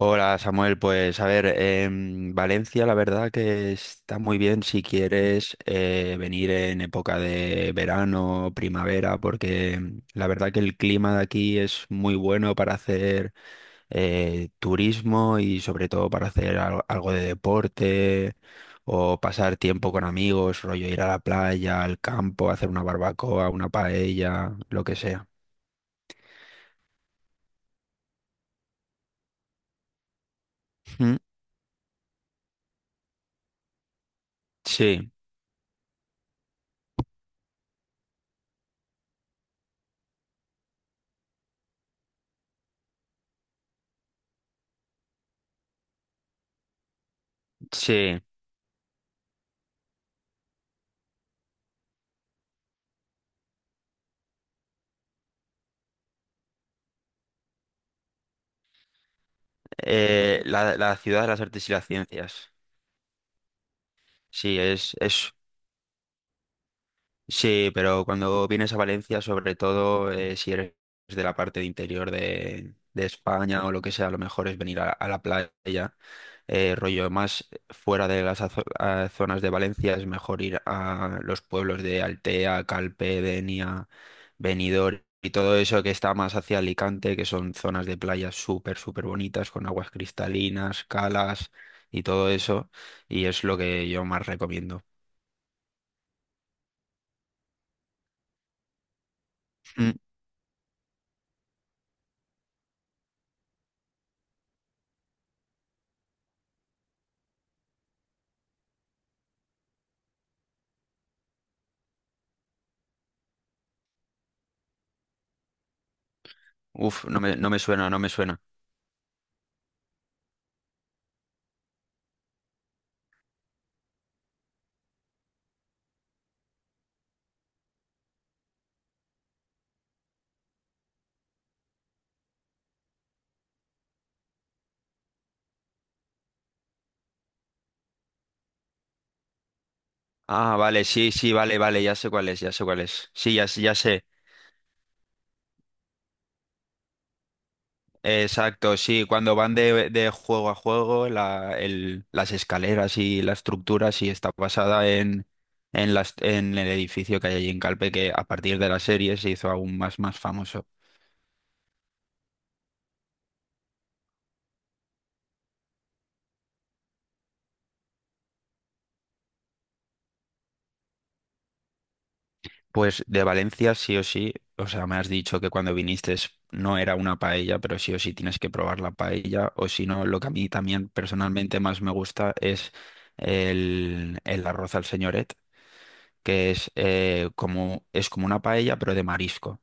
Hola Samuel, pues a ver, Valencia la verdad que está muy bien si quieres venir en época de verano, primavera, porque la verdad que el clima de aquí es muy bueno para hacer turismo y sobre todo para hacer algo, de deporte o pasar tiempo con amigos, rollo ir a la playa, al campo, hacer una barbacoa, una paella, lo que sea. Mm, sí, sí. La ciudad de las artes y las ciencias. Sí, sí, pero cuando vienes a Valencia, sobre todo si eres de la parte de interior de España o lo que sea, lo mejor es venir a la playa. Rollo más fuera de las zonas de Valencia, es mejor ir a los pueblos de Altea, Calpe, Denia, Benidorm y todo eso que está más hacia Alicante, que son zonas de playa súper, súper bonitas, con aguas cristalinas, calas y todo eso. Y es lo que yo más recomiendo. Mm, Uf, no me suena, no me suena. Ah, vale, sí, sí, vale, vale, ya sé cuál es, ya sé cuál es. Sí, ya, ya sé. Exacto, sí, cuando van de juego a juego, las escaleras y la estructura sí está basada en el edificio que hay allí en Calpe, que a partir de la serie se hizo aún más, más famoso. Pues de Valencia sí o sí, o sea, me has dicho que cuando viniste es no era una paella, pero sí o sí tienes que probar la paella, o si no, lo que a mí también personalmente más me gusta es el arroz al señoret que es, es como una paella, pero de marisco.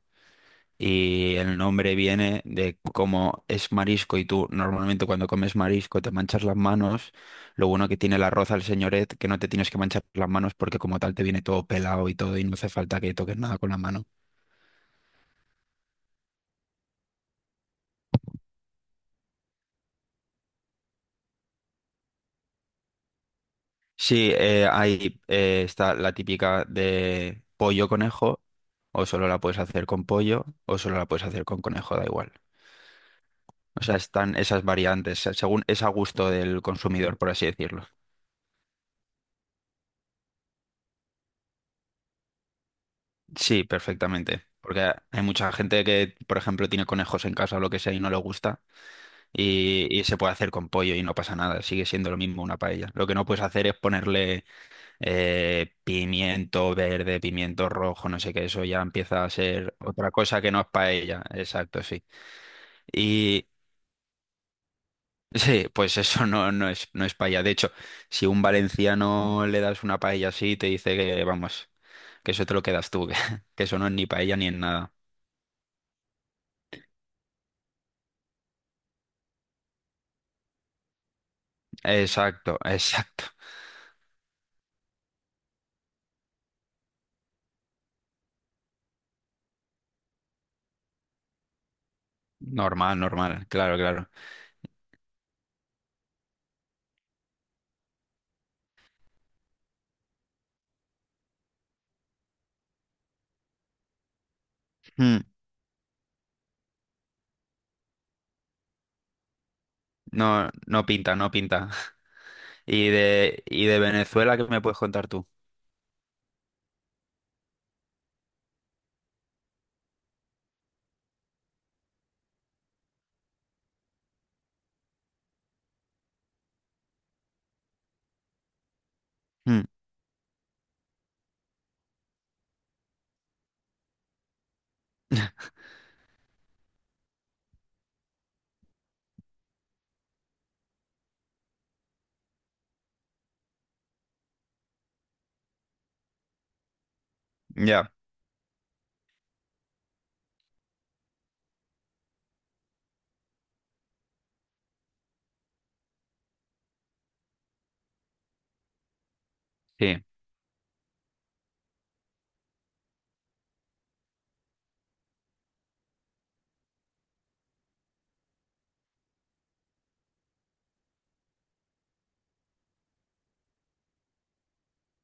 Y el nombre viene de cómo es marisco y tú normalmente cuando comes marisco te manchas las manos. Lo bueno que tiene el arroz al señoret, que no te tienes que manchar las manos porque como tal te viene todo pelado y todo y no hace falta que toques nada con la mano. Sí, ahí está la típica de pollo conejo, o solo la puedes hacer con pollo, o solo la puedes hacer con conejo, da igual. O sea, están esas variantes, según es a gusto del consumidor, por así decirlo. Sí, perfectamente. Porque hay mucha gente que, por ejemplo, tiene conejos en casa o lo que sea y no le gusta y se puede hacer con pollo y no pasa nada, sigue siendo lo mismo una paella. Lo que no puedes hacer es ponerle pimiento verde, pimiento rojo, no sé qué, eso ya empieza a ser otra cosa que no es paella. Exacto, sí. Y sí, pues eso no, no es, no es paella. De hecho, si un valenciano le das una paella así, te dice que, vamos. Que eso te lo quedas tú, que eso no es ni paella ni en nada. Exacto, exacto. Normal, normal, claro, claro. Mm, no, no pinta, no pinta. ¿Y de Venezuela qué me puedes contar tú? Mm. Ya, sí.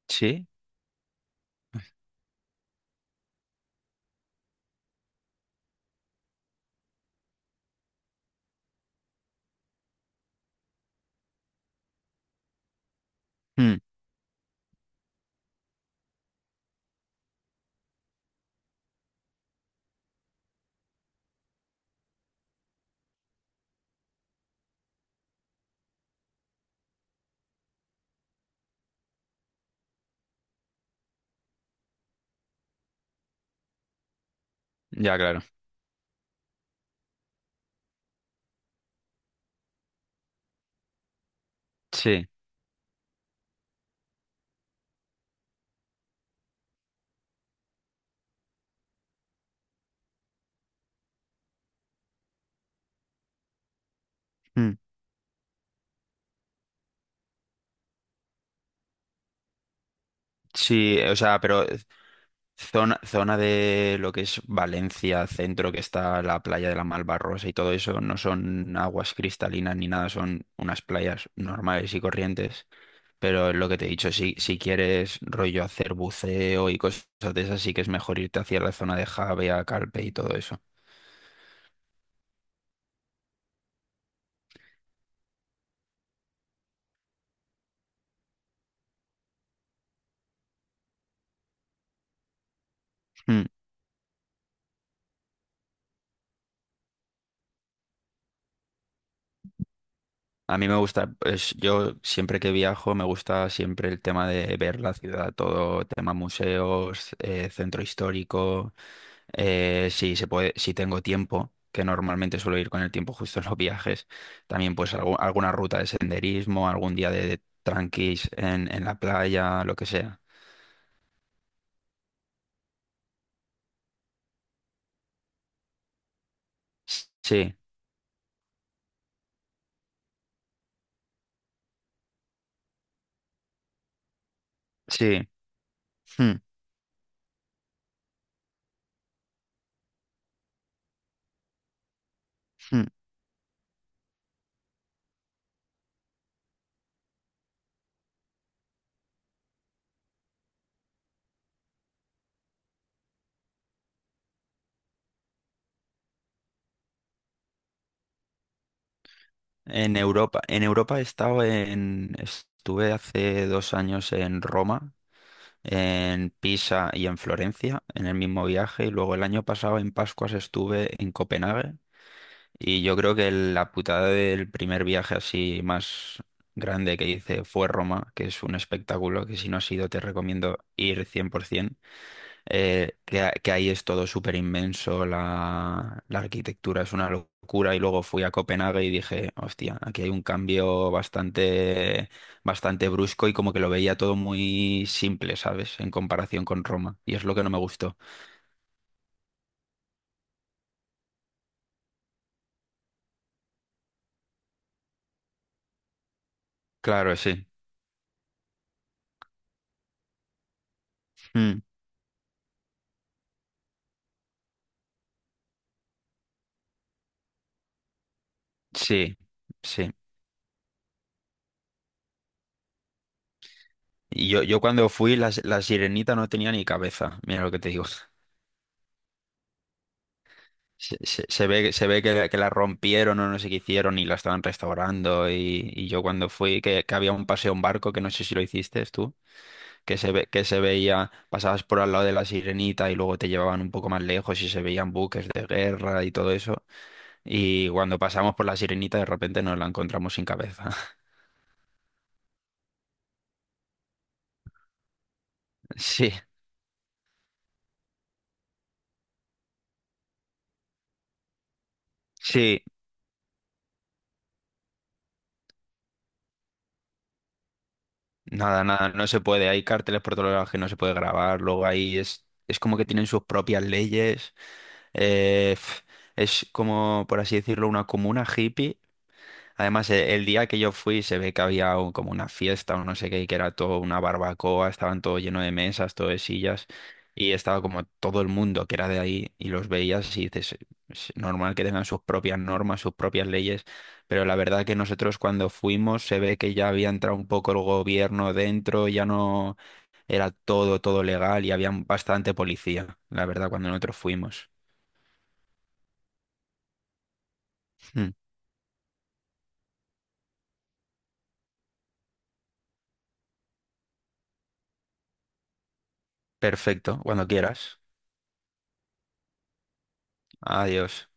¿Sí? Mm, ya, claro. Sí. Mm, sí, o sea, pero zona, zona de lo que es Valencia, centro, que está la playa de la Malvarrosa y todo eso, no son aguas cristalinas ni nada, son unas playas normales y corrientes. Pero es lo que te he dicho, si quieres rollo hacer buceo y cosas de esas, sí que es mejor irte hacia la zona de Javea, Calpe y todo eso. Mm. A mí me gusta, pues yo siempre que viajo me gusta siempre el tema de ver la ciudad, todo tema museos, centro histórico, si se puede, si tengo tiempo, que normalmente suelo ir con el tiempo justo en los viajes, también pues alguna ruta de senderismo, algún día de tranquis en la playa, lo que sea. Sí, sí. Hmm. Mm. En Europa he estado estuve hace 2 años en Roma, en Pisa y en Florencia, en el mismo viaje, y luego el año pasado en Pascuas estuve en Copenhague, y yo creo que la putada del primer viaje así más grande que hice fue Roma, que es un espectáculo que si no has ido te recomiendo ir 100%. Que ahí es todo súper inmenso, la arquitectura es una locura y luego fui a Copenhague y dije, hostia, aquí hay un cambio bastante, bastante brusco y como que lo veía todo muy simple, ¿sabes? En comparación con Roma y es lo que no me gustó. Claro, sí. Mm, sí, sí. Y yo cuando fui, la Sirenita no tenía ni cabeza, mira lo que te digo. Se ve que la rompieron o no sé qué hicieron y la estaban restaurando y yo cuando fui, que había un paseo en barco, que no sé si lo hiciste tú, que se veía, pasabas por al lado de la Sirenita y luego te llevaban un poco más lejos y se veían buques de guerra y todo eso. Y cuando pasamos por la Sirenita de repente nos la encontramos sin cabeza. Sí, sí, nada, nada, no se puede. Hay carteles por todos lados que no se puede grabar, luego ahí es como que tienen sus propias leyes. Pf, es como, por así decirlo, una comuna hippie. Además, el día que yo fui se ve que había como una fiesta o no sé qué, que era todo una barbacoa, estaban todo lleno de mesas, todo de sillas, y estaba como todo el mundo que era de ahí y los veías y dices, es normal que tengan sus propias normas, sus propias leyes, pero la verdad que nosotros cuando fuimos se ve que ya había entrado un poco el gobierno dentro, ya no era todo, todo legal y había bastante policía, la verdad, cuando nosotros fuimos. Hmm. Perfecto, cuando quieras. Adiós.